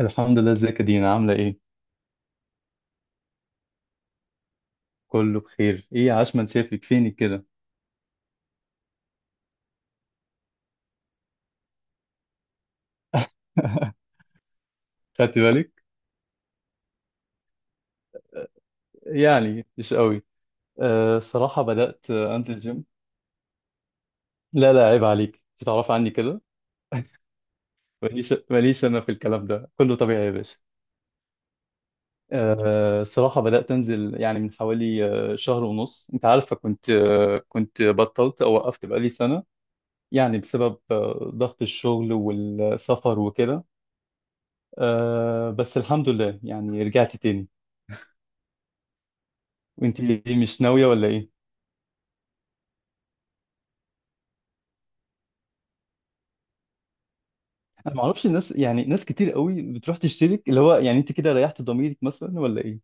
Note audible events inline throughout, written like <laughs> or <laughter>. الحمد لله. ازيك يا دينا؟ عاملة ايه؟ كله بخير. ايه عشمان؟ شافك فينك كده؟ <laughs> خدت بالك؟ يعني مش قوي. أه، صراحة بدأت انزل جيم. لا لا، عيب عليك، تعرف عني كده. ماليش ماليش، انا في الكلام ده كله طبيعي يا باشا. أه، صراحة بدأت انزل يعني من حوالي شهر ونص. انت عارفة كنت بطلت او وقفت بقالي سنة، يعني بسبب ضغط الشغل والسفر وكده. أه بس الحمد لله يعني رجعت تاني. وانت إيه، مش ناويه ولا ايه؟ انا ما اعرفش، الناس يعني ناس كتير قوي بتروح تشترك، اللي هو يعني انت كده ريحت ضميرك مثلا ولا ايه؟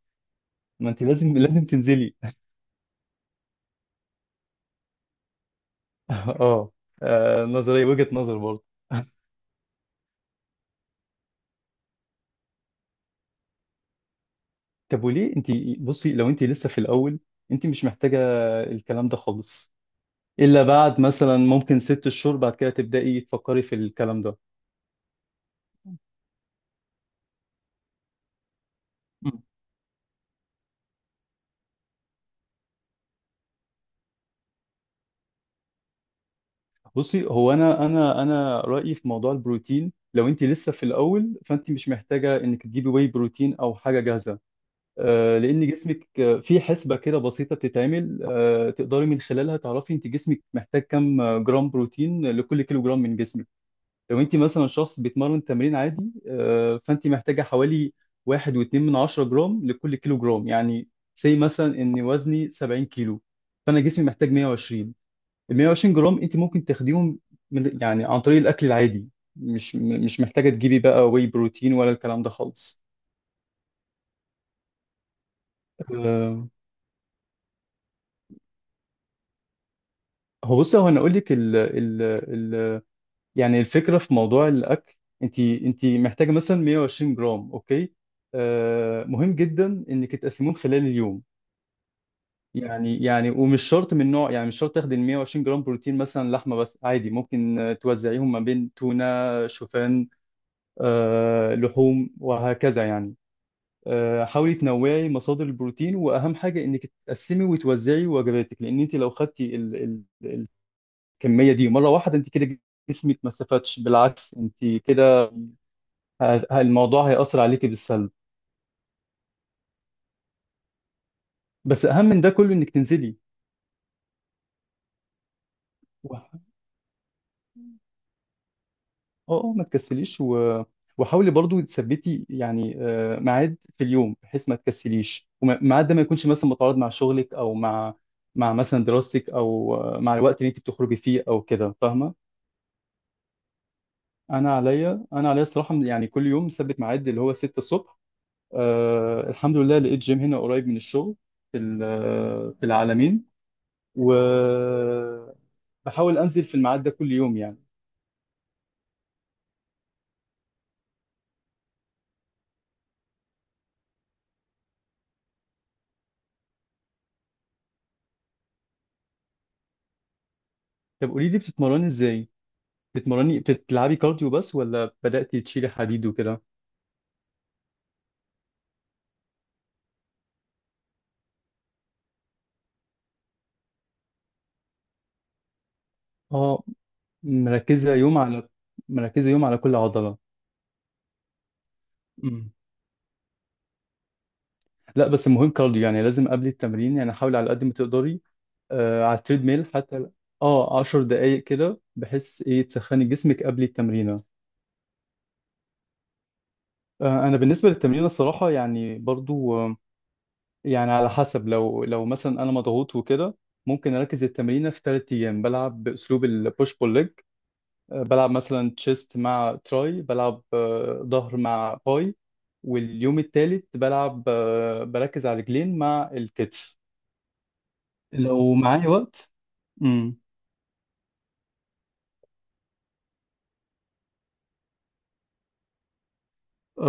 ما انت لازم تنزلي. <laughs> اه. نظريه، وجهه نظر برضه. <laughs> طب وليه انت؟ بصي، لو انت لسه في الاول، انت مش محتاجه الكلام ده خالص، الا بعد مثلا ممكن 6 شهور بعد كده تبداي تفكري في الكلام ده. مم. بصي، هو انا رايي في موضوع البروتين، لو انت لسه في الاول فانت مش محتاجه انك تجيبي واي بروتين او حاجه جاهزه، لان جسمك في حسبه كده بسيطه بتتعمل، تقدري من خلالها تعرفي انت جسمك محتاج كام جرام بروتين لكل كيلو جرام من جسمك. لو انت مثلا شخص بيتمرن تمرين عادي، فانت محتاجه حوالي واحد واتنين من عشرة جرام لكل كيلو جرام. يعني سي مثلا ان وزني 70 كيلو، فانا جسمي محتاج 120. ال 120 جرام انت ممكن تاخديهم من، يعني عن طريق الاكل العادي. مش محتاجه تجيبي بقى واي بروتين ولا الكلام ده خالص. آه، هو بص، هو انا اقول لك ال يعني الفكره في موضوع الاكل، انت محتاجه مثلا 120 جرام. اوكي، آه مهم جدا انك تقسميهم خلال اليوم. يعني ومش شرط من نوع، يعني مش شرط تاخدي ال 120 جرام بروتين مثلا لحمه بس، عادي ممكن توزعيهم ما بين تونه، شوفان، آه لحوم وهكذا يعني. آه حاولي تنوعي مصادر البروتين، واهم حاجه انك تقسمي وتوزعي وجباتك، لان انت لو خدتي الكميه دي مره واحده، انت كده جسمك ما استفادش، بالعكس انت كده الموضوع هيأثر عليكي بالسلب. بس اهم من ده كله انك تنزلي. اه، اه ما تكسليش، وحاولي برضو تثبتي يعني ميعاد في اليوم، بحيث ما تكسليش وميعاد ده ما يكونش مثلا متعارض مع شغلك او مع مثلا دراستك او مع الوقت اللي انت بتخرجي فيه او كده، فاهمه. انا عليا الصراحه يعني كل يوم مثبت ميعاد اللي هو 6 الصبح. آه الحمد لله لقيت جيم هنا قريب من الشغل، في العالمين. وبحاول انزل في الميعاد ده كل يوم يعني. طب قولي لي، بتتمرني ازاي؟ بتتمرني بتلعبي كارديو بس ولا بدأتي تشيلي حديد وكده؟ اه، مركزة يوم على مركزة يوم على كل عضلة. مم. لا بس المهم كارديو يعني لازم قبل التمرين، يعني حاولي على قد ما تقدري، على التريد ميل حتى، اه 10 دقايق كده، بحيث ايه تسخني جسمك قبل التمرين. انا بالنسبه للتمرين الصراحه يعني برضو يعني على حسب، لو مثلا انا مضغوط وكده ممكن اركز التمرينه في 3 ايام، بلعب باسلوب البوش بول ليج، بلعب مثلا تشيست مع تراي، بلعب ظهر مع باي، واليوم الثالث بلعب بركز على رجلين مع الكتف، لو معايا وقت. امم.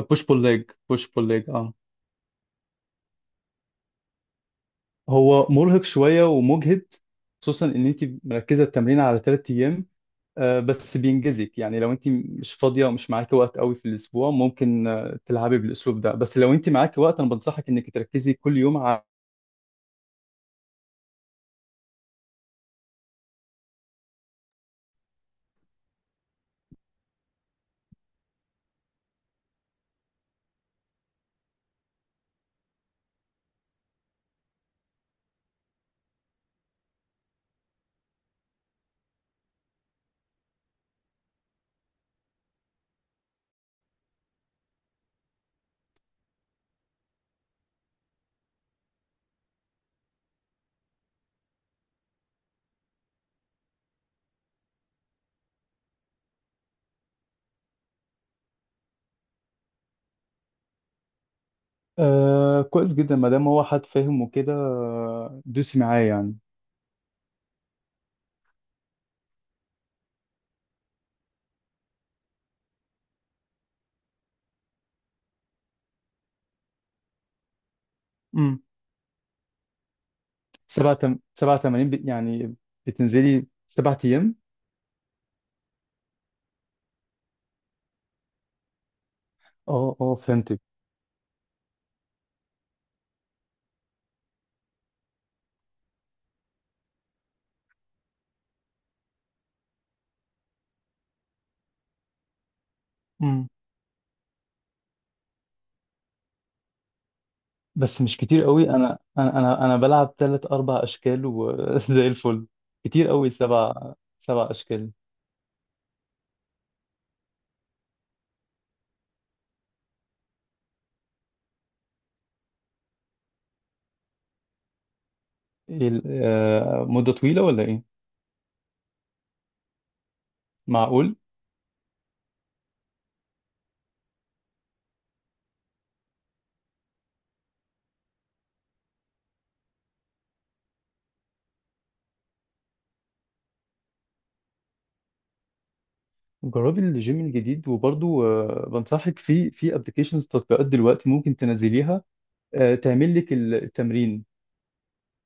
بوش بول ليج بوش بول ليج اه. هو مرهق شويه ومجهد، خصوصا ان انت مركزه التمرين على 3 ايام، بس بينجزك. يعني لو انت مش فاضيه ومش معاكي وقت قوي في الاسبوع، ممكن تلعبي بالاسلوب ده، بس لو انت معاكي وقت انا بنصحك انك تركزي كل يوم على. آه كويس جدا، ما دام هو حد فاهم وكده، دوسي معاه يعني. امم. 7 تمارين يعني بتنزلي 7 ايام؟ اه اه فهمتك. امم. بس مش كتير قوي، انا بلعب ثلاث اربع اشكال وزي <laughs> الفل. كتير قوي سبع اشكال؟ إيه مدة طويلة ولا ايه؟ معقول؟ جربي الجيم الجديد، وبرضو بنصحك في ابلكيشنز تطبيقات دلوقتي ممكن تنزليها، تعمل لك التمرين،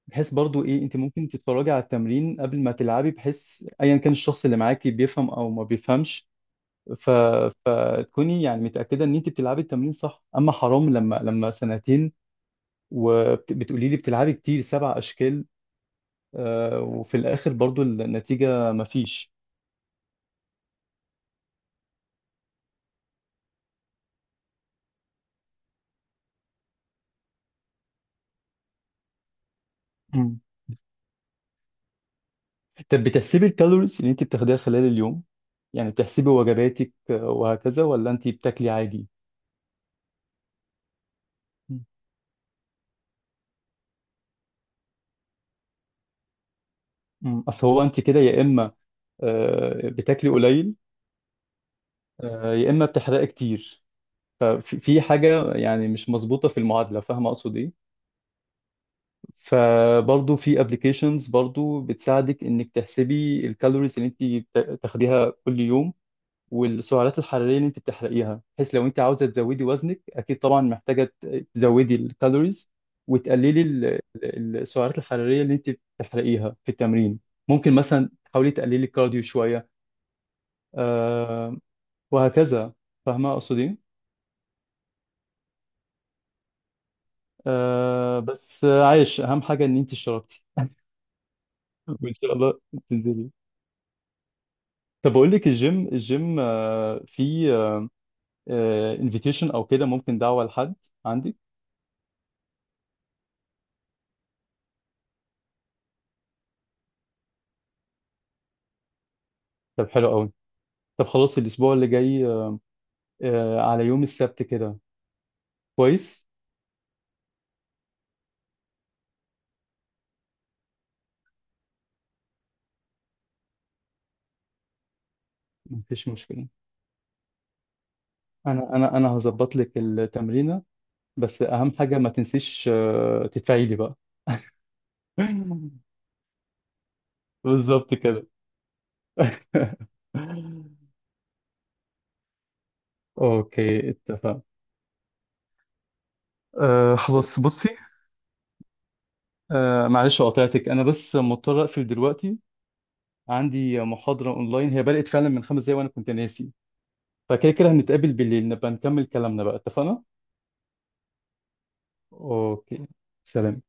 بحيث برضو ايه انت ممكن تتفرجي على التمرين قبل ما تلعبي، بحيث ايا كان الشخص اللي معاكي بيفهم او ما بيفهمش. ف... فتكوني يعني متأكدة ان انت بتلعبي التمرين صح. اما حرام، لما سنتين وبتقولي لي بتلعبي كتير 7 اشكال، وفي الاخر برضو النتيجة مفيش. طب بتحسبي الكالوريز اللي انت بتاخديها خلال اليوم؟ يعني بتحسبي وجباتك وهكذا، ولا انت بتاكلي عادي؟ مم. اصل هو انت كده يا اما بتاكلي قليل، يا اما بتحرقي كتير. ففي حاجه يعني مش مظبوطه في المعادله، فاهمه اقصد ايه؟ فبرضه في ابلكيشنز برضه بتساعدك انك تحسبي الكالوريز اللي انت تاخديها كل يوم، والسعرات الحراريه اللي انت بتحرقيها. بحيث لو انت عاوزه تزودي وزنك، اكيد طبعا محتاجه تزودي الكالوريز وتقللي السعرات الحراريه اللي انت بتحرقيها في التمرين. ممكن مثلا تحاولي تقللي الكارديو شويه، آه وهكذا. فاهمه اقصد ايه؟ آه بس عايش اهم حاجه ان انت اشتركتي. <laughs> وان شاء الله تنزلي. طب اقول لك، الجيم في انفيتيشن او كده، ممكن دعوه لحد عندي. طب حلو قوي. طب خلاص الاسبوع اللي جاي، على يوم السبت كده. كويس. مفيش مشكلة. انا هظبط لك التمرينة، بس اهم حاجة ما تنسيش تدفعي لي بقى. <laughs> بالظبط كده. <laughs> اوكي اتفق. أه خلاص بصي. أه معلش قاطعتك، انا بس مضطر اقفل دلوقتي، عندي محاضرة اونلاين هي بدأت فعلا من 5 دقايق وانا كنت ناسي. فكده كده هنتقابل بالليل، نبقى نكمل كلامنا بقى. اتفقنا؟ اوكي. سلام.